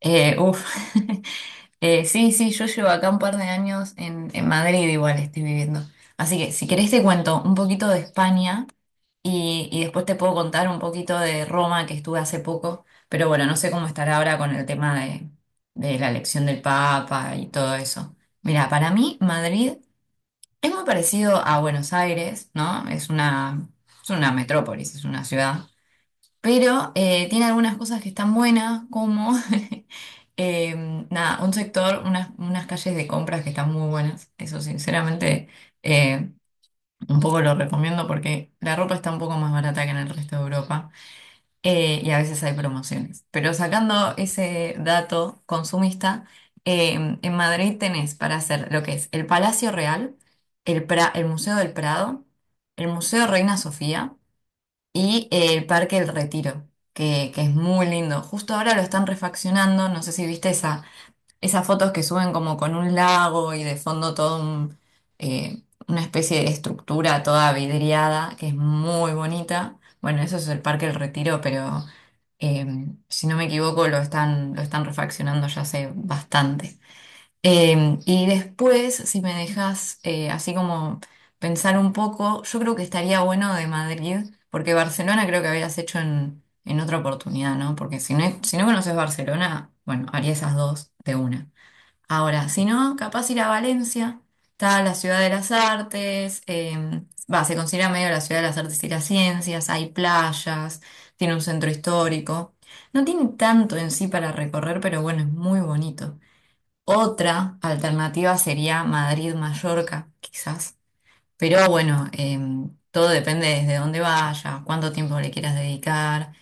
Uf. Sí, sí, yo llevo acá un par de años en Madrid, igual estoy viviendo. Así que si querés te cuento un poquito de España y después te puedo contar un poquito de Roma que estuve hace poco, pero bueno, no sé cómo estará ahora con el tema de la elección del Papa y todo eso. Mira, para mí Madrid es muy parecido a Buenos Aires, ¿no? Es una metrópolis, es una ciudad, pero tiene algunas cosas que están buenas, como Eh, nada, un sector, unas calles de compras que están muy buenas. Eso sinceramente, eh, un poco lo recomiendo porque la ropa está un poco más barata que en el resto de Europa, y a veces hay promociones. Pero sacando ese dato consumista, en Madrid tenés para hacer lo que es el Palacio Real, el Museo del Prado, el Museo Reina Sofía y el Parque El Retiro. Que es muy lindo. Justo ahora lo están refaccionando, no sé si viste esas fotos que suben como con un lago y de fondo todo una especie de estructura toda vidriada, que es muy bonita. Bueno, eso es el Parque El Retiro, pero eh, si no me equivoco lo están refaccionando ya hace bastante. Y después, si me dejas, así como pensar un poco, yo creo que estaría bueno de Madrid, porque Barcelona creo que habías hecho en otra oportunidad, ¿no? Porque si no conoces Barcelona, bueno, haría esas dos de una. Ahora, si no, capaz ir a Valencia, está la ciudad de las artes, va, se considera medio la ciudad de las artes y las ciencias, hay playas, tiene un centro histórico. No tiene tanto en sí para recorrer, pero bueno, es muy bonito. Otra alternativa sería Madrid-Mallorca, quizás. Pero bueno, todo depende desde dónde vayas, cuánto tiempo le quieras dedicar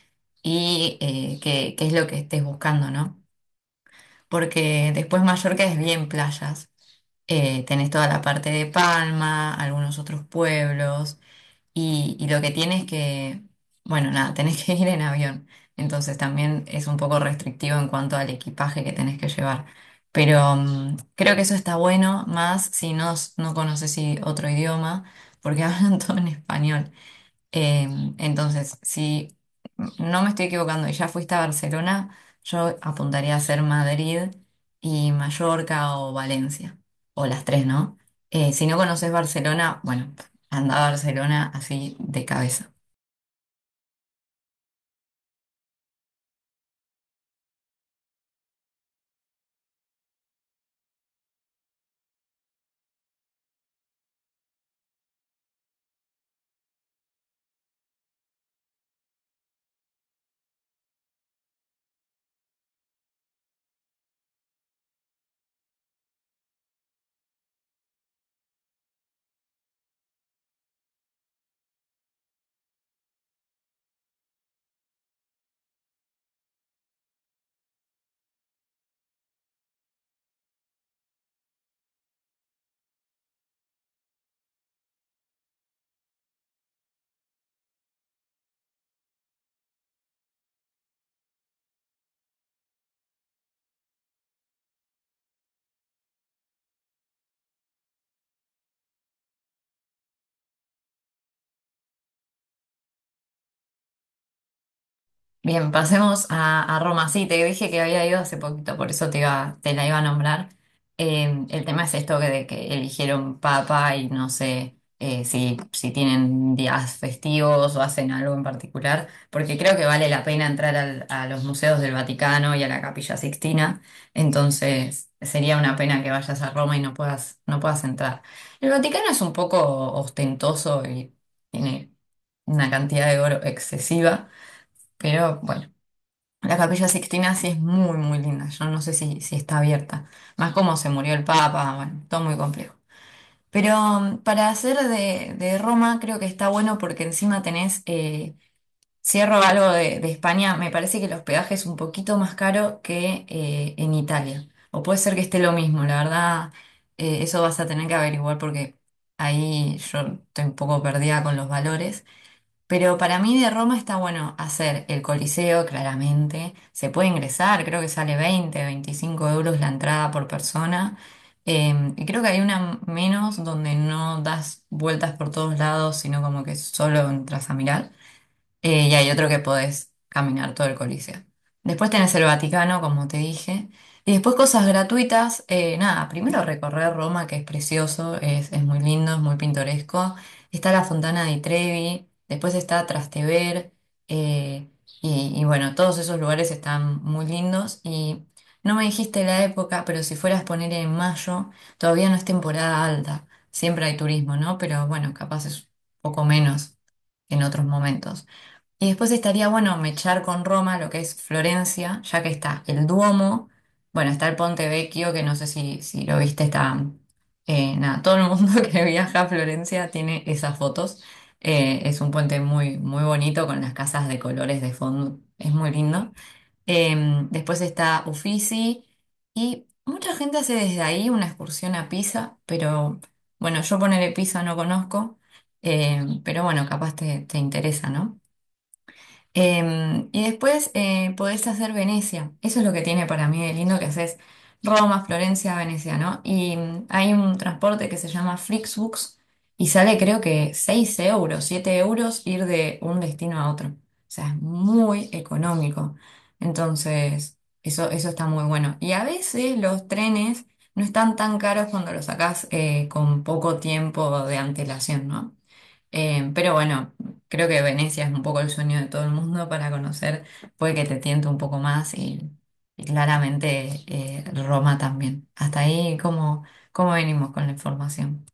y, qué es lo que estés buscando, ¿no? Porque después Mallorca es bien playas. Tenés toda la parte de Palma, algunos otros pueblos, y lo que tienes que, bueno, nada, tenés que ir en avión. Entonces también es un poco restrictivo en cuanto al equipaje que tenés que llevar. Pero, creo que eso está bueno, más si no, no conoces otro idioma, porque hablan todo en español. Eh, entonces, si no me estoy equivocando y ya fuiste a Barcelona, yo apuntaría a ser Madrid y Mallorca o Valencia, o las tres, ¿no? Si no conoces Barcelona, bueno, anda a Barcelona así de cabeza. Bien, pasemos a Roma. Sí, te dije que había ido hace poquito, por eso te la iba a nombrar. El tema es esto que, de que eligieron papa y no sé, si tienen días festivos o hacen algo en particular, porque creo que vale la pena entrar a los museos del Vaticano y a la Capilla Sixtina, entonces sería una pena que vayas a Roma y no puedas entrar. El Vaticano es un poco ostentoso y tiene una cantidad de oro excesiva. Pero bueno. La Capilla Sixtina sí es muy, muy linda. Yo no sé si está abierta. Más como se murió el Papa, bueno, todo muy complejo. Pero, para hacer de Roma creo que está bueno porque encima tenés, cierro algo de España, me parece que el hospedaje es un poquito más caro que, en Italia. O puede ser que esté lo mismo, la verdad, eso vas a tener que averiguar porque ahí yo estoy un poco perdida con los valores. Pero para mí de Roma está bueno hacer el Coliseo, claramente. Se puede ingresar, creo que sale 20, 25 € la entrada por persona. Y creo que hay una menos donde no das vueltas por todos lados, sino como que solo entras a mirar. Y hay otro que podés caminar todo el Coliseo. Después tenés el Vaticano, como te dije. Y después cosas gratuitas. Nada, primero recorrer Roma, que es precioso, es muy lindo, es muy pintoresco. Está la Fontana di Trevi, después está Trastevere. eh, y bueno, todos esos lugares están muy lindos. Y no me dijiste la época, pero si fueras a poner en mayo, todavía no es temporada alta. Siempre hay turismo, ¿no? Pero bueno, capaz es un poco menos que en otros momentos. Y después estaría bueno mechar con Roma lo que es Florencia, ya que está el Duomo, bueno, está el Ponte Vecchio, que no sé si lo viste, está, nada, todo el mundo que viaja a Florencia tiene esas fotos. Es un puente muy, muy bonito con las casas de colores de fondo, es muy lindo. Eh, Después está Uffizi y mucha gente hace desde ahí una excursión a Pisa, pero bueno, yo ponerle Pisa no conozco, pero bueno, capaz te interesa, ¿no? Y después, podés hacer Venecia. Eso es lo que tiene para mí de lindo que haces Roma, Florencia, Venecia, ¿no? Y, hay un transporte que se llama Flixbus y sale creo que 6 euros, 7 € ir de un destino a otro. O sea, es muy económico. Entonces, eso está muy bueno. Y a veces los trenes no están tan caros cuando los sacás, con poco tiempo de antelación, ¿no? Pero bueno, creo que Venecia es un poco el sueño de todo el mundo para conocer, puede que te tiente un poco más y claramente, Roma también. Hasta ahí, ¿cómo venimos con la información?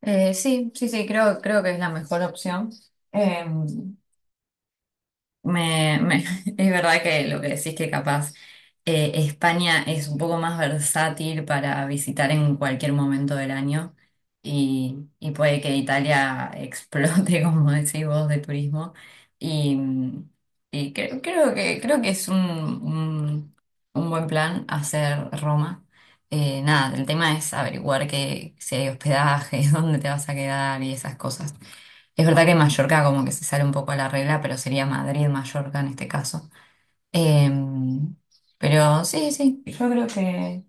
Sí, sí, sí, creo que es la mejor opción. Eh, Me, me- es verdad que lo que decís que capaz, España es un poco más versátil para visitar en cualquier momento del año y puede que Italia explote, como decís vos, de turismo. Y, y creo que es un buen plan hacer Roma. Nada, el tema es averiguar que, si hay hospedaje, dónde te vas a quedar y esas cosas. Es verdad que Mallorca como que se sale un poco a la regla, pero sería Madrid, Mallorca en este caso. Em, pero sí, sí, yo creo que,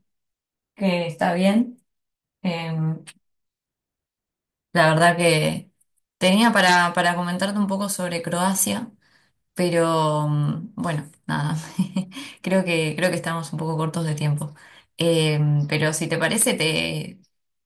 que está bien. Em, la verdad que tenía para comentarte un poco sobre Croacia. Pero, bueno, nada, creo que estamos un poco cortos de tiempo. Eh, pero si te parece,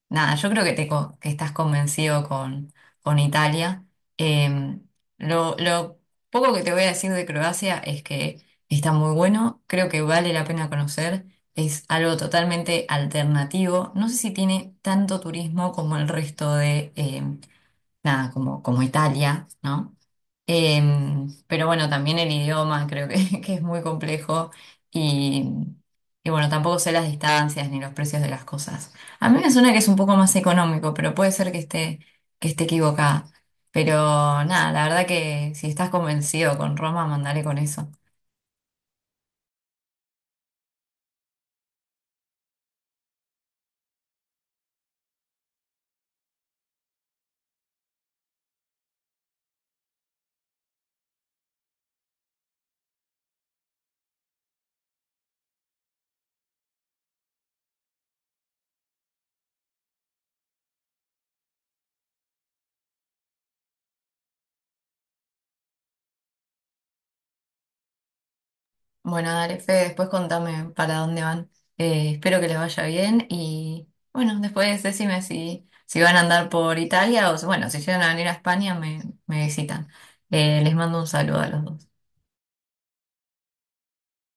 nada, yo creo que estás convencido con Italia. Eh, lo poco que te voy a decir de Croacia es que está muy bueno, creo que vale la pena conocer, es algo totalmente alternativo. No sé si tiene tanto turismo como el resto de, nada, como Italia, ¿no? Pero bueno, también el idioma creo que es muy complejo y, y bueno, tampoco sé las distancias ni los precios de las cosas. A mí me suena que es un poco más económico, pero puede ser que esté equivocada. Pero nada, la verdad que si estás convencido con Roma, mandale con eso. Bueno, dale, Fede, después contame para dónde van. Espero que les vaya bien y bueno, después decime si van a andar por Italia o bueno, si llegan a venir a España me visitan. Les mando un saludo a los dos.